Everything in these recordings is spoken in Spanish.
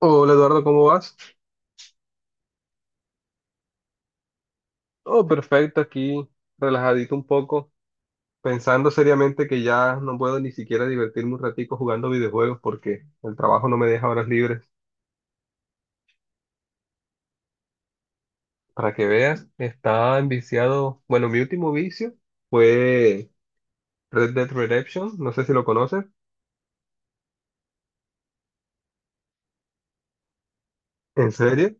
Hola Eduardo, ¿cómo vas? Oh, perfecto, aquí relajadito un poco, pensando seriamente que ya no puedo ni siquiera divertirme un ratico jugando videojuegos porque el trabajo no me deja horas libres. Para que veas, estaba enviciado, bueno, mi último vicio fue Red Dead Redemption, no sé si lo conoces, en serio,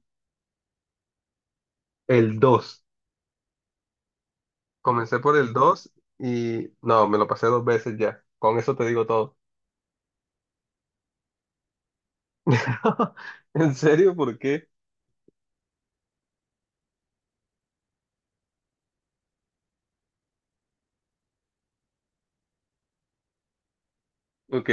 el 2. Comencé por el 2 y no, me lo pasé dos veces ya, con eso te digo todo. ¿En serio? ¿Por qué? Ok.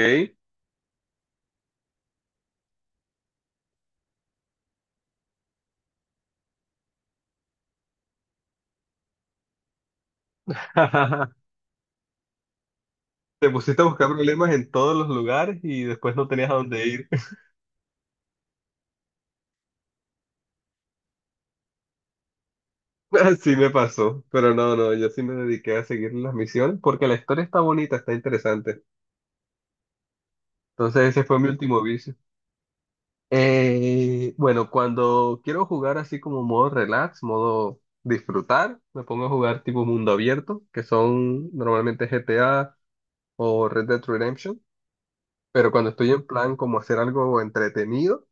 Te pusiste a buscar problemas en todos los lugares y después no tenías a dónde ir. Así me pasó, pero no, no, yo sí me dediqué a seguir las misiones porque la historia está bonita, está interesante. Entonces ese fue mi último vicio. Bueno, cuando quiero jugar así como modo relax, modo disfrutar, me pongo a jugar tipo mundo abierto, que son normalmente GTA o Red Dead Redemption, pero cuando estoy en plan como hacer algo entretenido.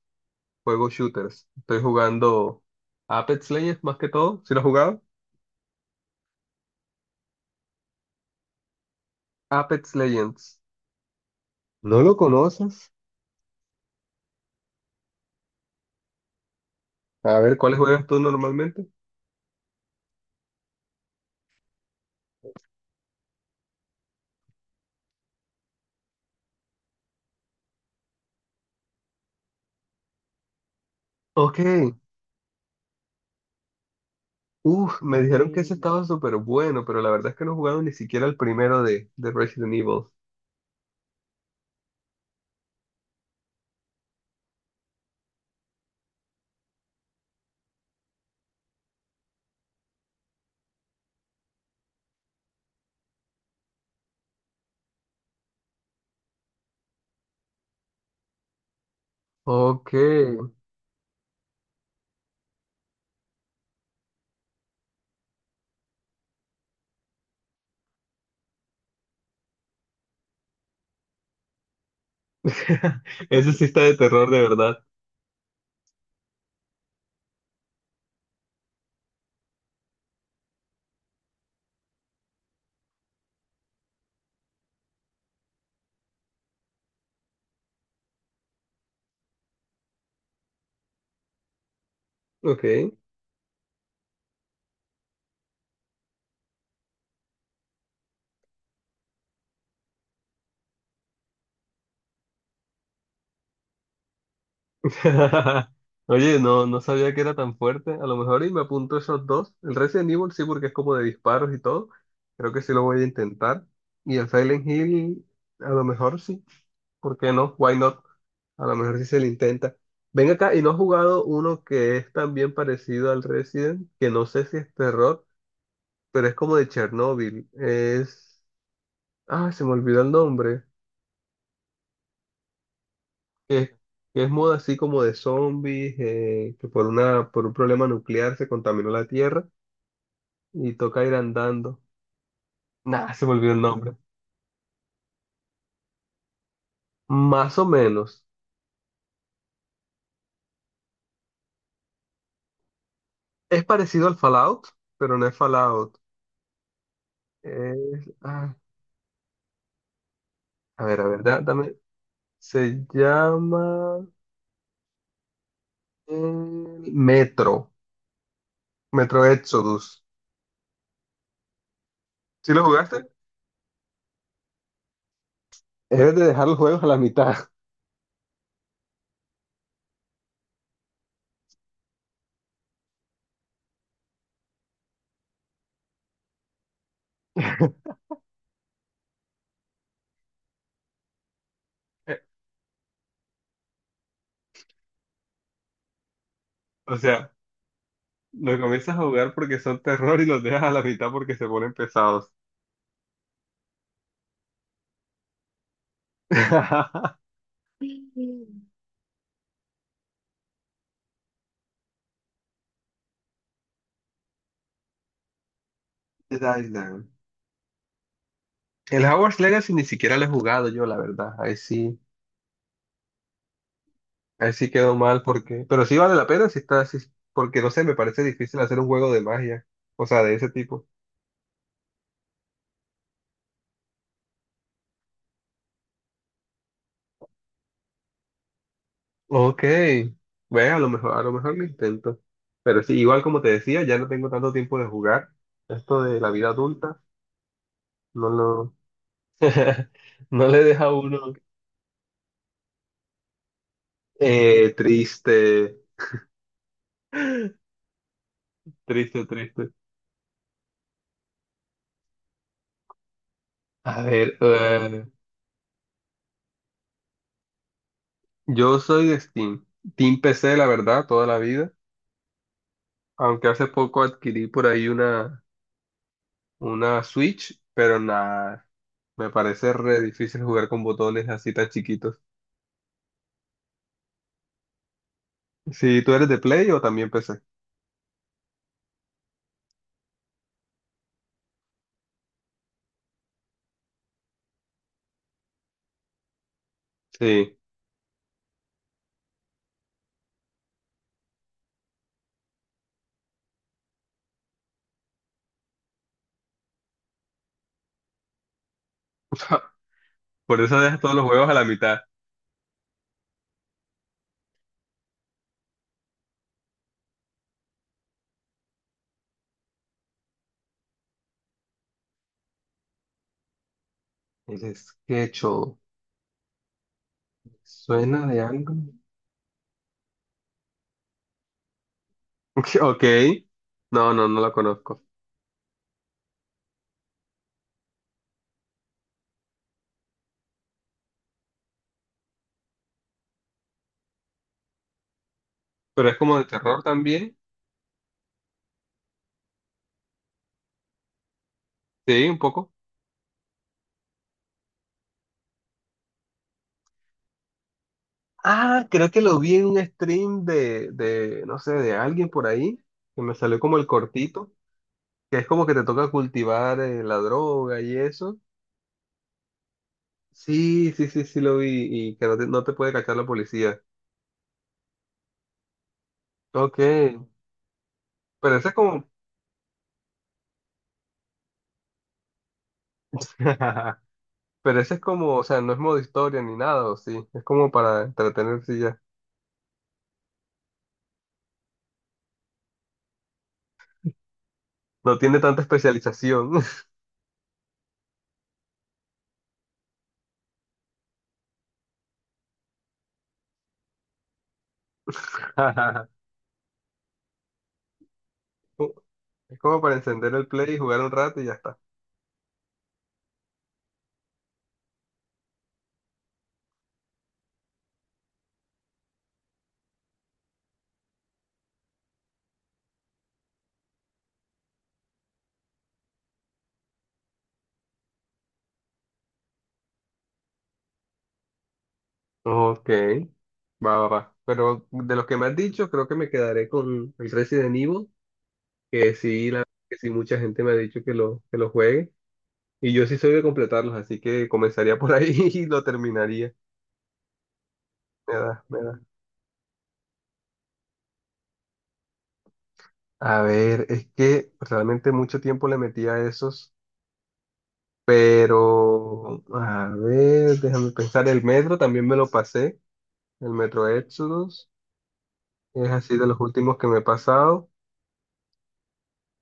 Juego shooters. Estoy jugando Apex Legends más que todo. ¿Si lo has jugado? Apex Legends. ¿No lo conoces? A ver, ¿cuáles juegas tú normalmente? Ok. Uf, me dijeron que ese Mm. estaba súper bueno, pero la verdad es que no he jugado ni siquiera el primero de Resident Evil. Ok. Ese sí está de terror de verdad. Ok. Oye, no, no sabía que era tan fuerte. A lo mejor y me apunto esos dos. El Resident Evil sí, porque es como de disparos y todo. Creo que sí lo voy a intentar. Y el Silent Hill, a lo mejor sí. ¿Por qué no? Why not? A lo mejor sí se le intenta. Ven acá, y no has jugado uno que es también parecido al Resident, que no sé si es terror, pero es como de Chernobyl. Es... Ah, se me olvidó el nombre. que, que es moda así como de zombies, que por una, por un problema nuclear se contaminó la Tierra y toca ir andando. Nada, se me olvidó el nombre. Más o menos. Es parecido al Fallout, pero no es Fallout. Es- ah, a ver, a ver, dame. Se llama eh, Metro, Metro Exodus. ¿Sí lo jugaste? Debes de dejar los juegos a la mitad. Eh, O sea, los comienzas a jugar porque son terror y los dejas a la mitad porque se ponen pesados. Dead Island. El Hogwarts Legacy ni siquiera lo he jugado yo, la verdad. Ahí sí quedó mal porque, pero sí vale la pena si está así, porque no sé, me parece difícil hacer un juego de magia, o sea, de ese tipo. Ok, ve, a lo mejor lo intento. Pero sí, igual como te decía, ya no tengo tanto tiempo de jugar. Esto de la vida adulta, no lo, no le deja a uno triste, triste, triste. A ver, yo soy de Steam, Team PC, la verdad, toda la vida. Aunque hace poco adquirí por ahí una Switch, pero nada, me parece re difícil jugar con botones así tan chiquitos. Si tú eres de Play o también PC. Sí, por eso dejas todos los juegos a la mitad. El Sketcho, ¿suena de algo? Ok, no, no, no la conozco. Pero es como de terror también. Sí, un poco. Ah, creo que lo vi en un stream de, no sé, de alguien por ahí, que me salió como el cortito, que es como que te toca cultivar la droga y eso. Sí, sí, sí, sí lo vi y que no te, no te puede cachar la policía. Ok, pero ese es como, pero ese es como, o sea, no es modo historia ni nada, o sí, es como para entretenerse y ya. No tiene tanta especialización. Es como para encender el play y jugar un rato y ya está. Ok, va, va, va. Pero de los que me has dicho, creo que me quedaré con el Resident Evil, que sí, la, que sí mucha gente me ha dicho que lo juegue. Y yo sí soy de completarlos, así que comenzaría por ahí y lo terminaría. Me da, me da. A ver, es que realmente mucho tiempo le metí a esos, pero a ver, déjame pensar. El Metro también me lo pasé, el Metro Exodus, es así de los últimos que me he pasado.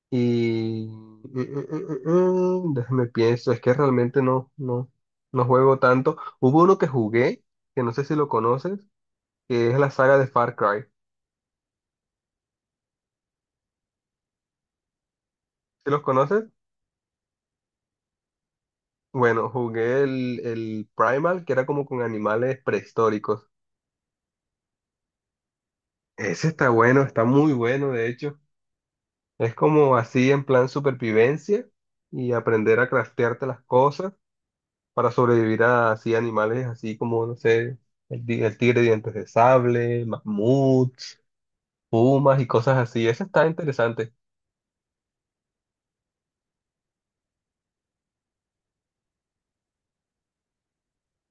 Y déjame pienso, es que realmente no, no, no juego tanto. Hubo uno que jugué, que no sé si lo conoces, que es la saga de Far Cry. ¿Sí los conoces? Bueno, jugué el Primal, que era como con animales prehistóricos. Ese está bueno, está muy bueno, de hecho. Es como así en plan supervivencia y aprender a craftearte las cosas para sobrevivir a así animales así como, no sé, el tigre de dientes de sable, mamuts. Pumas y cosas así. Eso está interesante.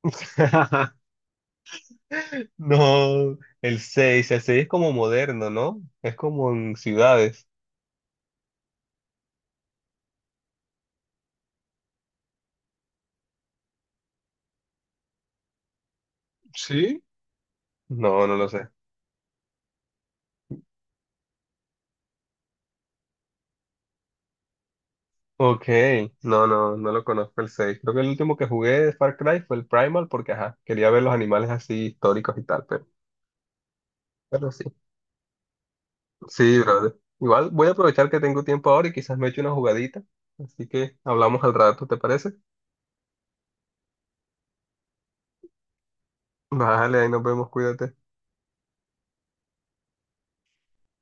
No, el 6 es como moderno, ¿no? Es como en ciudades. ¿Sí? No, no lo sé. Ok, no, no, no lo conozco el seis. Creo que el último que jugué de Far Cry fue el Primal porque, ajá, quería ver los animales así históricos y tal, pero sí. Sí, brother. Igual voy a aprovechar que tengo tiempo ahora y quizás me eche una jugadita. Así que hablamos al rato, ¿te parece? Vale, ahí nos vemos, cuídate.